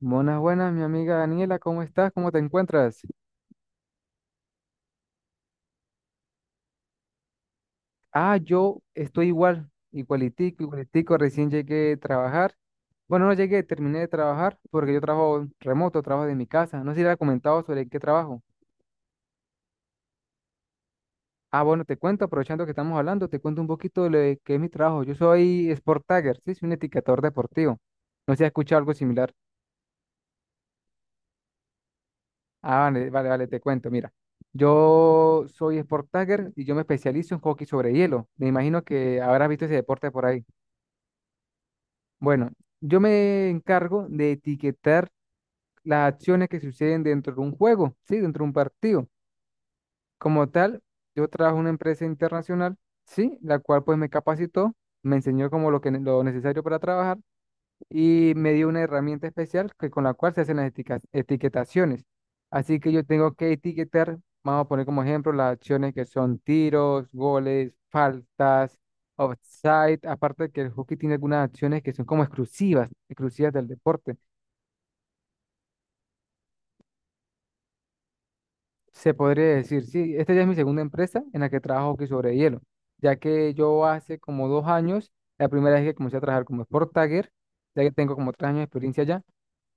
Buenas, buenas, mi amiga Daniela, ¿cómo estás? ¿Cómo te encuentras? Ah, yo estoy igual, igualitico, igualitico, recién llegué a trabajar. Bueno, no llegué, terminé de trabajar porque yo trabajo remoto, trabajo de mi casa. No sé si le he comentado sobre qué trabajo. Ah, bueno, te cuento, aprovechando que estamos hablando, te cuento un poquito de lo de qué es mi trabajo. Yo soy Sport Tagger, sí, soy un etiquetador deportivo. No sé si has escuchado algo similar. Ah, vale, vale, vale, te cuento, mira. Yo soy Sport Tagger y yo me especializo en hockey sobre hielo. Me imagino que habrás visto ese deporte por ahí. Bueno, yo me encargo de etiquetar las acciones que suceden dentro de un juego, ¿sí? Dentro de un partido. Como tal, yo trabajo en una empresa internacional, ¿sí? La cual pues me capacitó, me enseñó como lo que, lo necesario para trabajar y me dio una herramienta especial que, con la cual se hacen las etiquetaciones. Así que yo tengo que etiquetar, vamos a poner como ejemplo las acciones que son tiros, goles, faltas, offside, aparte que el hockey tiene algunas acciones que son como exclusivas, exclusivas del deporte. Se podría decir, sí, esta ya es mi segunda empresa en la que trabajo hockey sobre hielo, ya que yo hace como 2 años, la primera vez que comencé a trabajar como sport tagger, ya que tengo como 3 años de experiencia ya,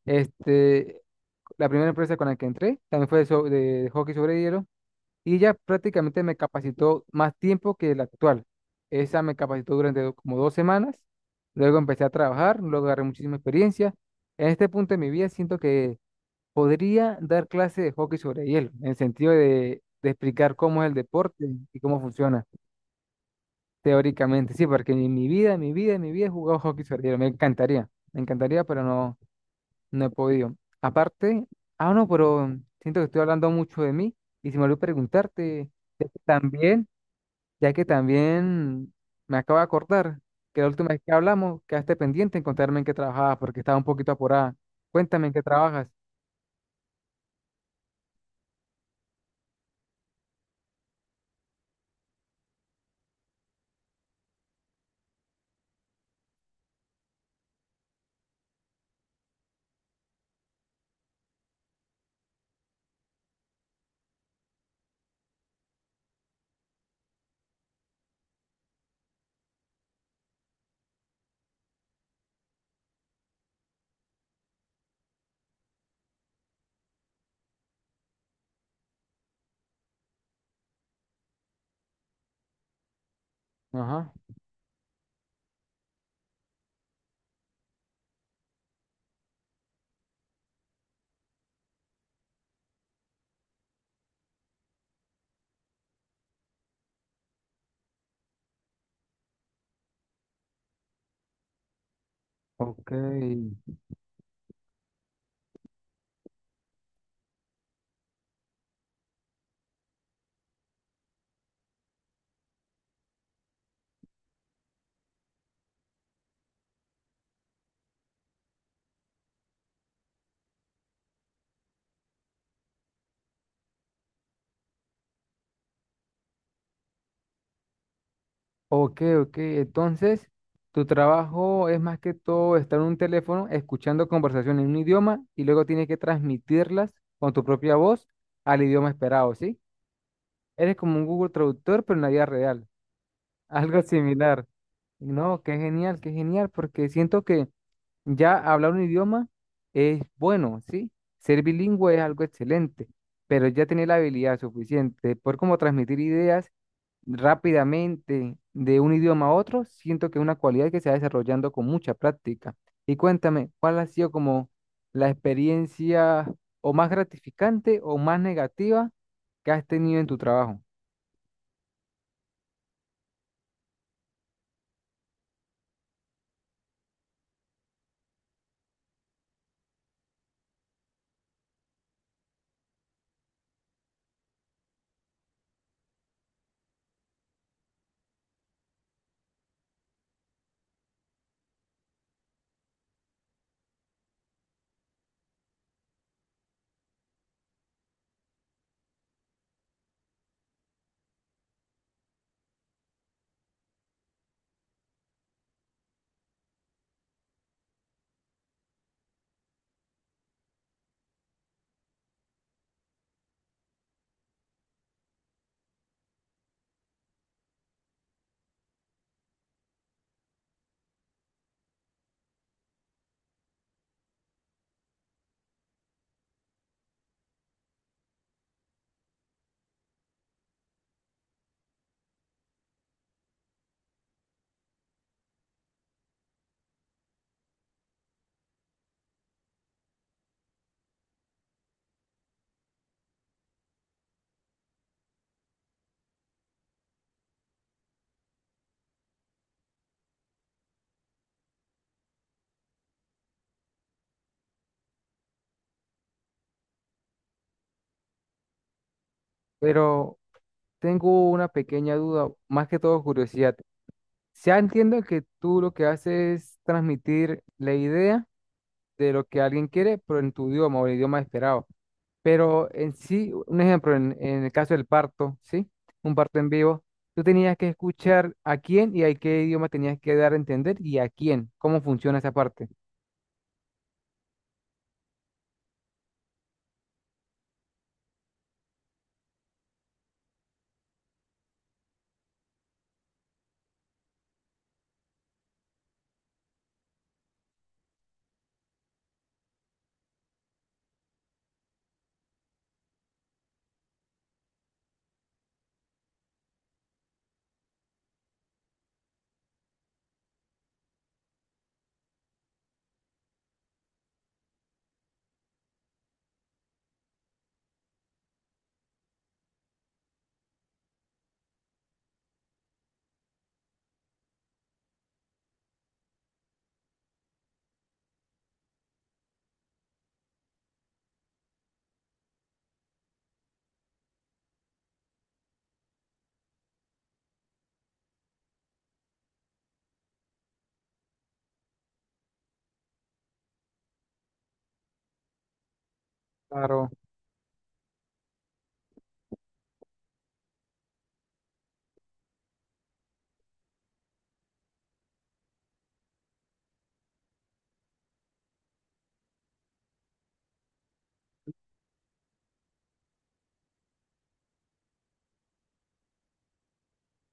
este, la primera empresa con la que entré también fue de, de hockey sobre hielo y ella prácticamente me capacitó más tiempo que la actual. Esa me capacitó durante como 2 semanas, luego empecé a trabajar, luego agarré muchísima experiencia. En este punto de mi vida siento que podría dar clase de hockey sobre hielo, en el sentido de explicar cómo es el deporte y cómo funciona teóricamente. Sí, porque en mi vida, en mi vida, en mi vida he jugado hockey sobre hielo. Me encantaría, pero no. No he podido. Aparte, ah, no, pero siento que estoy hablando mucho de mí y si me olvidó preguntarte, ya que también, ya que también me acabo de acordar que la última vez que hablamos quedaste pendiente en contarme en qué trabajabas porque estaba un poquito apurada. Cuéntame en qué trabajas. Ajá. Ok. Ok, ok. Entonces, tu trabajo es más que todo estar en un teléfono escuchando conversaciones en un idioma y luego tienes que transmitirlas con tu propia voz al idioma esperado, ¿sí? Eres como un Google Traductor, pero en la vida real. Algo similar. No, qué genial, porque siento que ya hablar un idioma es bueno, ¿sí? Ser bilingüe es algo excelente, pero ya tener la habilidad suficiente por poder como transmitir ideas rápidamente de un idioma a otro, siento que es una cualidad que se va desarrollando con mucha práctica. Y cuéntame, ¿cuál ha sido como la experiencia o más gratificante o más negativa que has tenido en tu trabajo? Pero tengo una pequeña duda, más que todo curiosidad. Ya entiendo que tú lo que haces es transmitir la idea de lo que alguien quiere, pero en tu idioma o el idioma esperado. Pero en sí, un ejemplo, en el caso del parto, ¿sí? Un parto en vivo, tú tenías que escuchar a quién y a qué idioma tenías que dar a entender y a quién, cómo funciona esa parte. Claro,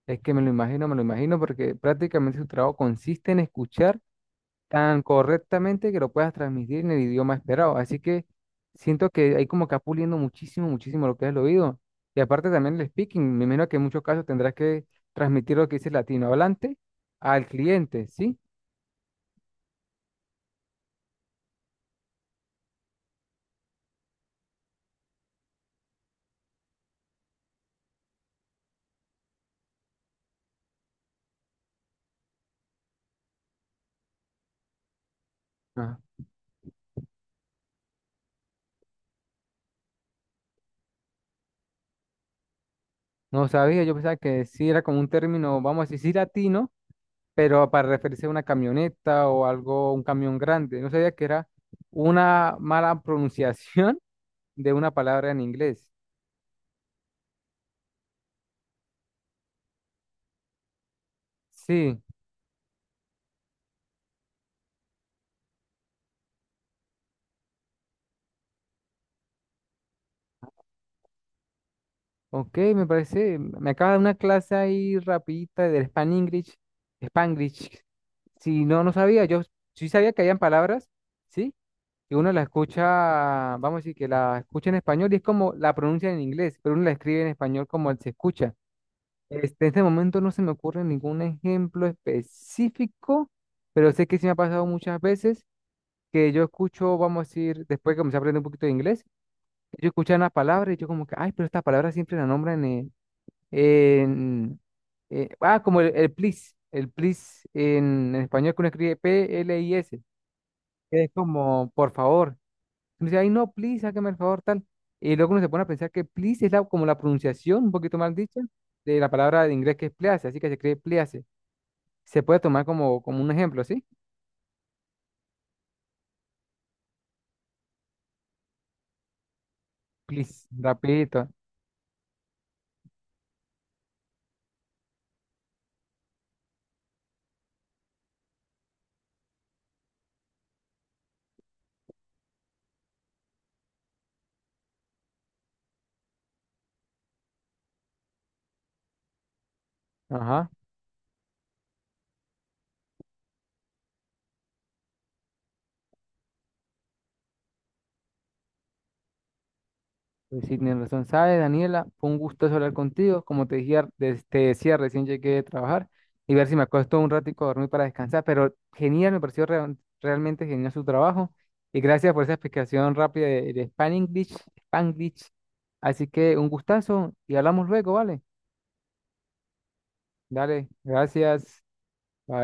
es que me lo imagino, porque prácticamente su trabajo consiste en escuchar tan correctamente que lo puedas transmitir en el idioma esperado. Así que siento que ahí como que va puliendo muchísimo, muchísimo lo que es el oído. Y aparte también el speaking, me imagino que en muchos casos tendrás que transmitir lo que dice el latino hablante al cliente, ¿sí? Ah, no sabía, yo pensaba que sí era como un término, vamos a decir, sí latino, pero para referirse a una camioneta o algo, un camión grande. No sabía que era una mala pronunciación de una palabra en inglés. Sí. Ok, me parece, me acaba de dar una clase ahí rapidita del Span English, Spanglish. Si no, no sabía, yo sí sabía que habían palabras, ¿sí? Que uno la escucha, vamos a decir, que la escucha en español y es como la pronuncia en inglés, pero uno la escribe en español como él se escucha. Este, en este momento no se me ocurre ningún ejemplo específico, pero sé que sí me ha pasado muchas veces que yo escucho, vamos a decir, después que comencé a aprender un poquito de inglés, yo escuchaba una palabra y yo como que, ay, pero esta palabra siempre la nombran en en- ah, como el please en español que uno escribe PLIS, que es como por favor. Uno dice, ay, no, please, hágame el favor, tal. Y luego uno se pone a pensar que please es la, como la pronunciación, un poquito mal dicha, de la palabra de inglés que es please, así que se escribe please. Se puede tomar como, como un ejemplo, ¿sí? Please, rapidito. Ajá. Pues sí, tienes razón. ¿Sabes, Daniela? Fue un gusto hablar contigo. Como te decía, te decía, recién llegué de trabajar y ver si me acuesto un ratico a dormir para descansar. Pero genial, me pareció realmente genial su trabajo. Y gracias por esa explicación rápida de Spanglish, Spanglish. Así que un gustazo y hablamos luego, ¿vale? Dale, gracias. Bye.